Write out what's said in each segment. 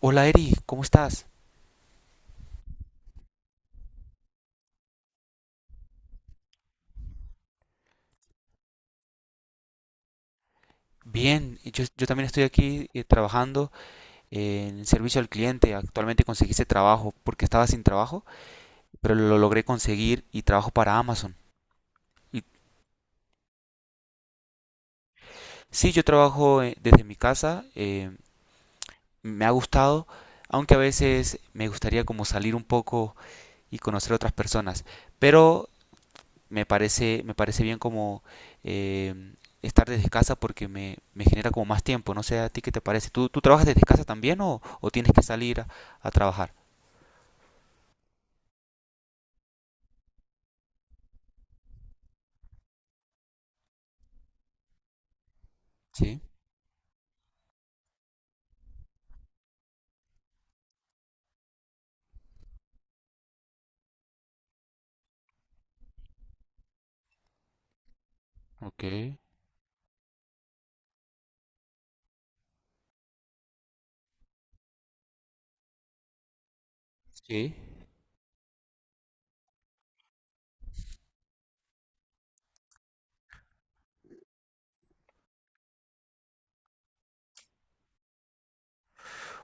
Hola Eri, ¿cómo estás? Bien, yo también estoy aquí trabajando en servicio al cliente. Actualmente conseguí ese trabajo porque estaba sin trabajo, pero lo logré conseguir y trabajo para Amazon. Y, sí, yo trabajo desde mi casa, me ha gustado, aunque a veces me gustaría como salir un poco y conocer otras personas, pero me parece bien como eh, estar desde casa porque me genera como más tiempo. No sé a ti qué te parece. Tú trabajas desde casa también o tienes que salir a trabajar? Sí, ok, sí.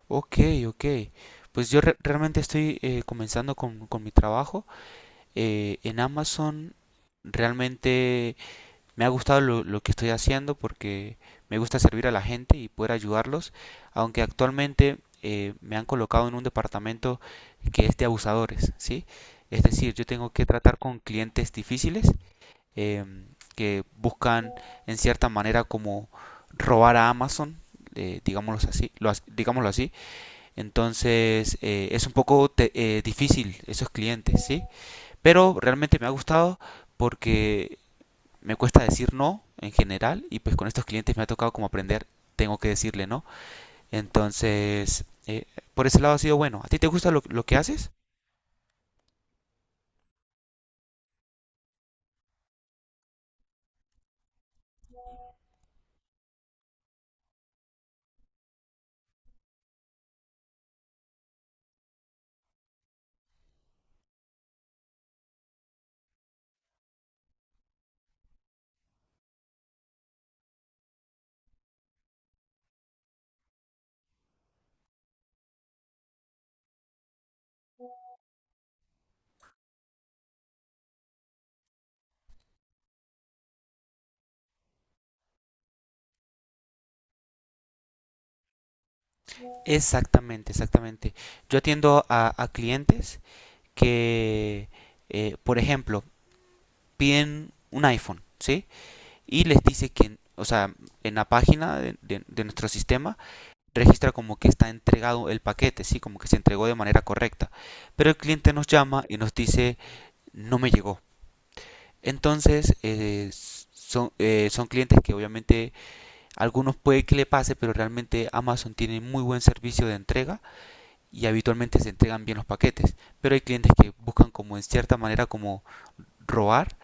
Ok, ok. Pues yo realmente estoy comenzando con mi trabajo. En Amazon realmente me ha gustado lo que estoy haciendo porque me gusta servir a la gente y poder ayudarlos, aunque actualmente me han colocado en un departamento que es de abusadores, ¿sí? Es decir, yo tengo que tratar con clientes difíciles, eh, que buscan en cierta manera como robar a Amazon, digámoslo así. Entonces, es un poco difícil esos clientes, ¿sí? Pero realmente me ha gustado porque me cuesta decir no en general y pues con estos clientes me ha tocado como aprender, tengo que decirle no. Entonces, por ese lado ha sido bueno. ¿A ti te gusta lo que haces? Exactamente, exactamente. Yo atiendo a clientes que, por ejemplo, piden un iPhone, ¿sí? Y les dice que, o sea, en la página de nuestro sistema registra como que está entregado el paquete, ¿sí? Como que se entregó de manera correcta. Pero el cliente nos llama y nos dice, no me llegó. Entonces, son clientes que obviamente algunos puede que le pase, pero realmente Amazon tiene muy buen servicio de entrega y habitualmente se entregan bien los paquetes. Pero hay clientes que buscan como en cierta manera como robar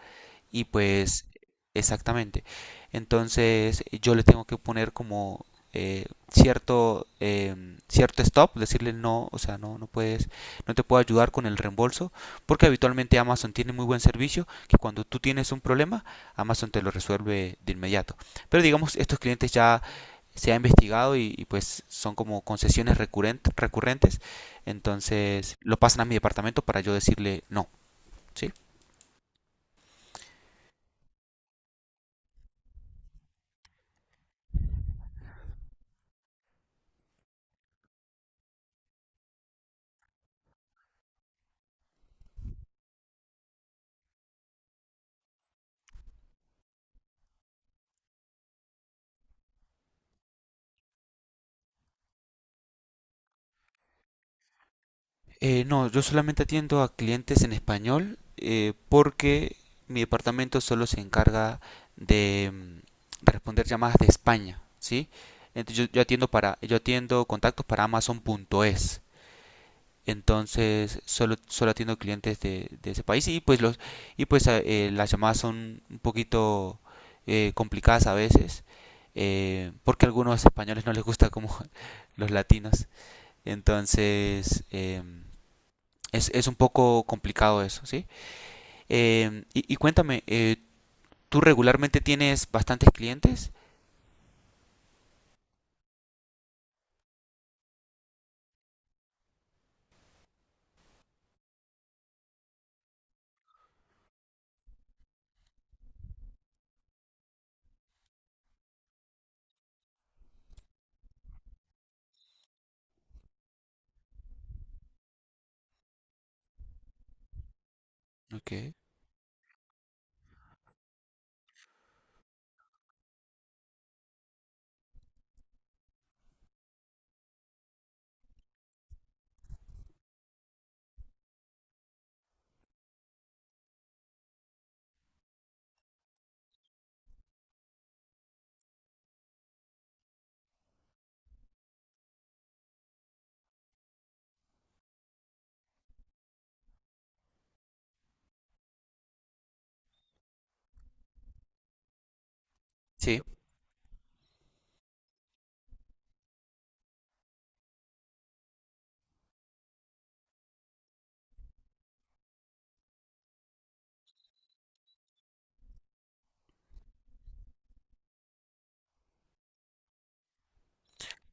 y pues, exactamente. Entonces, yo le tengo que poner como eh, cierto, cierto stop, decirle no, o sea, no puedes, no te puedo ayudar con el reembolso, porque habitualmente Amazon tiene muy buen servicio, que cuando tú tienes un problema, Amazon te lo resuelve de inmediato. Pero digamos, estos clientes ya se ha investigado y pues son como concesiones recurrentes, entonces lo pasan a mi departamento para yo decirle no, ¿sí? No, yo solamente atiendo a clientes en español porque mi departamento solo se encarga de responder llamadas de España, ¿sí? Entonces yo atiendo para, yo atiendo contactos para Amazon punto es. Entonces solo, solo atiendo clientes de ese país y pues los y pues las llamadas son un poquito complicadas a veces, porque a algunos españoles no les gusta como los latinos. Entonces, em, es un poco complicado eso, ¿sí? Y cuéntame, ¿tú regularmente tienes bastantes clientes? Ok, sí,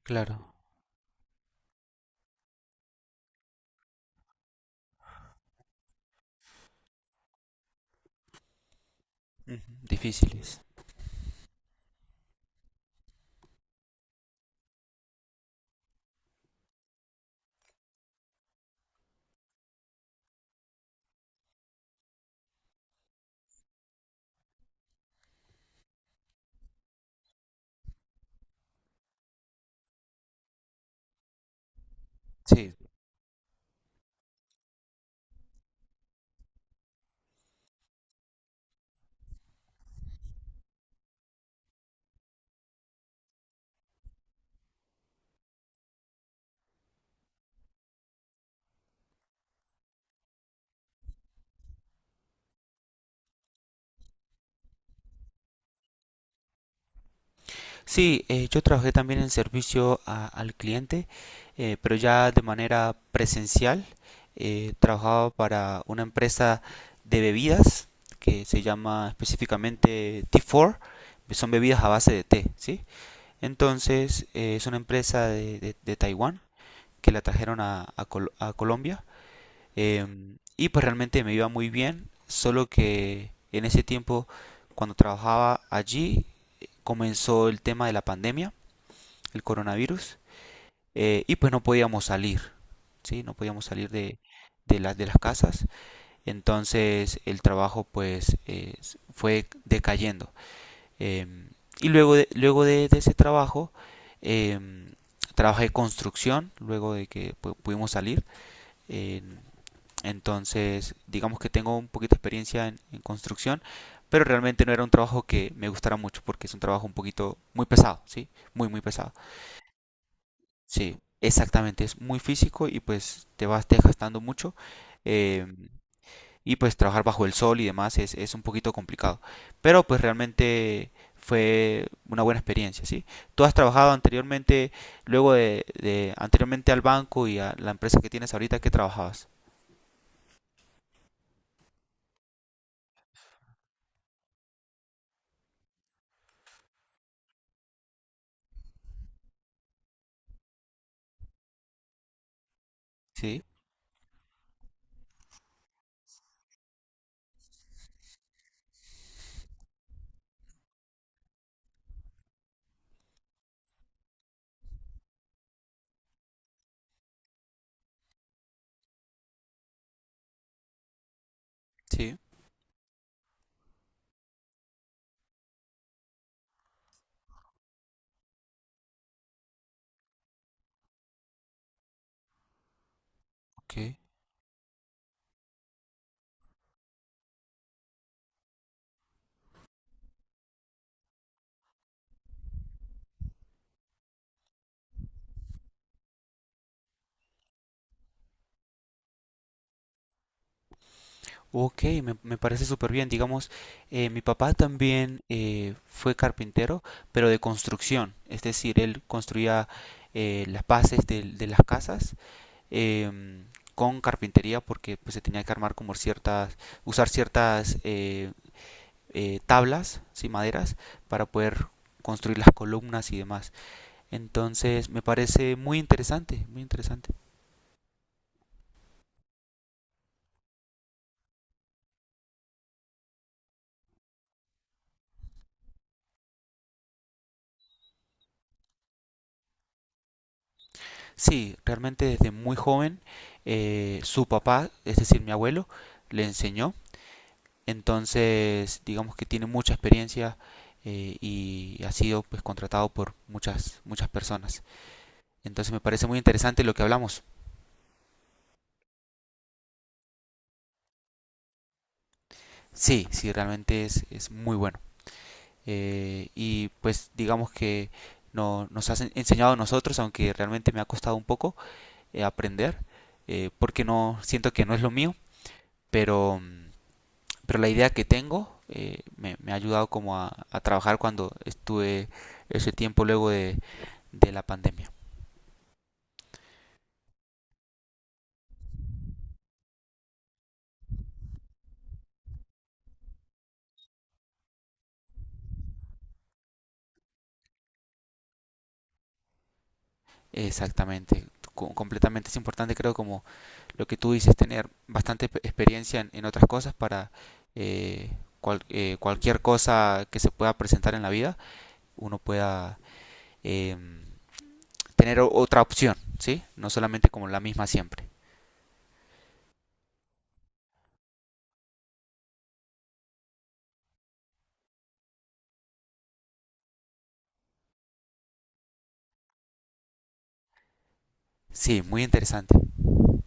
claro. Ujú. Difíciles. Sí. Sí, yo trabajé también en servicio al cliente, pero ya de manera presencial. Trabajaba para una empresa de bebidas que se llama específicamente T4. Son bebidas a base de té, ¿sí? Entonces, es una empresa de Taiwán que la trajeron a a Colombia. Em, y pues realmente me iba muy bien, solo que en ese tiempo, cuando trabajaba allí, comenzó el tema de la pandemia, el coronavirus, y pues no podíamos salir, ¿sí? No podíamos salir de, de las casas. Entonces el trabajo pues fue decayendo. Em, y luego de ese trabajo, em, trabajé construcción, luego de que pudimos salir. En- Entonces, digamos que tengo un poquito de experiencia en construcción, pero realmente no era un trabajo que me gustara mucho porque es un trabajo un poquito muy pesado, ¿sí? Muy, muy pesado. Sí, exactamente, es muy físico y pues te vas desgastando mucho, eh, y pues trabajar bajo el sol y demás es un poquito complicado, pero pues realmente fue una buena experiencia, ¿sí? ¿Tú has trabajado anteriormente, luego de anteriormente al banco y a la empresa que tienes ahorita, que trabajabas? Sí, sí, ok. Ok, me parece súper bien. Digamos, mi papá también fue carpintero, pero de construcción. Es decir, él construía las bases las casas, em, con carpintería porque pues, se tenía que armar como ciertas, usar ciertas tablas, sí, maderas, para poder construir las columnas y demás. Entonces, me parece muy interesante, muy interesante. Sí, realmente desde muy joven, su papá, es decir, mi abuelo, le enseñó. Entonces, digamos que tiene mucha experiencia y ha sido pues contratado por muchas personas. Entonces me parece muy interesante lo que hablamos. Sí, sí, realmente es muy bueno. Y pues digamos que no, nos has enseñado a nosotros, aunque realmente me ha costado un poco aprender, porque no siento que no es lo mío, pero mm, pero la idea que tengo ha ayudado como a trabajar cuando estuve ese tiempo luego de la pandemia. Exactamente. Co completamente es importante creo como lo que tú dices, tener bastante experiencia en otras cosas para eh, cual, cualquier cosa que se pueda presentar en la vida, uno pueda em, tener otra opción, ¿sí? No solamente como la misma siempre. Sí, muy interesante.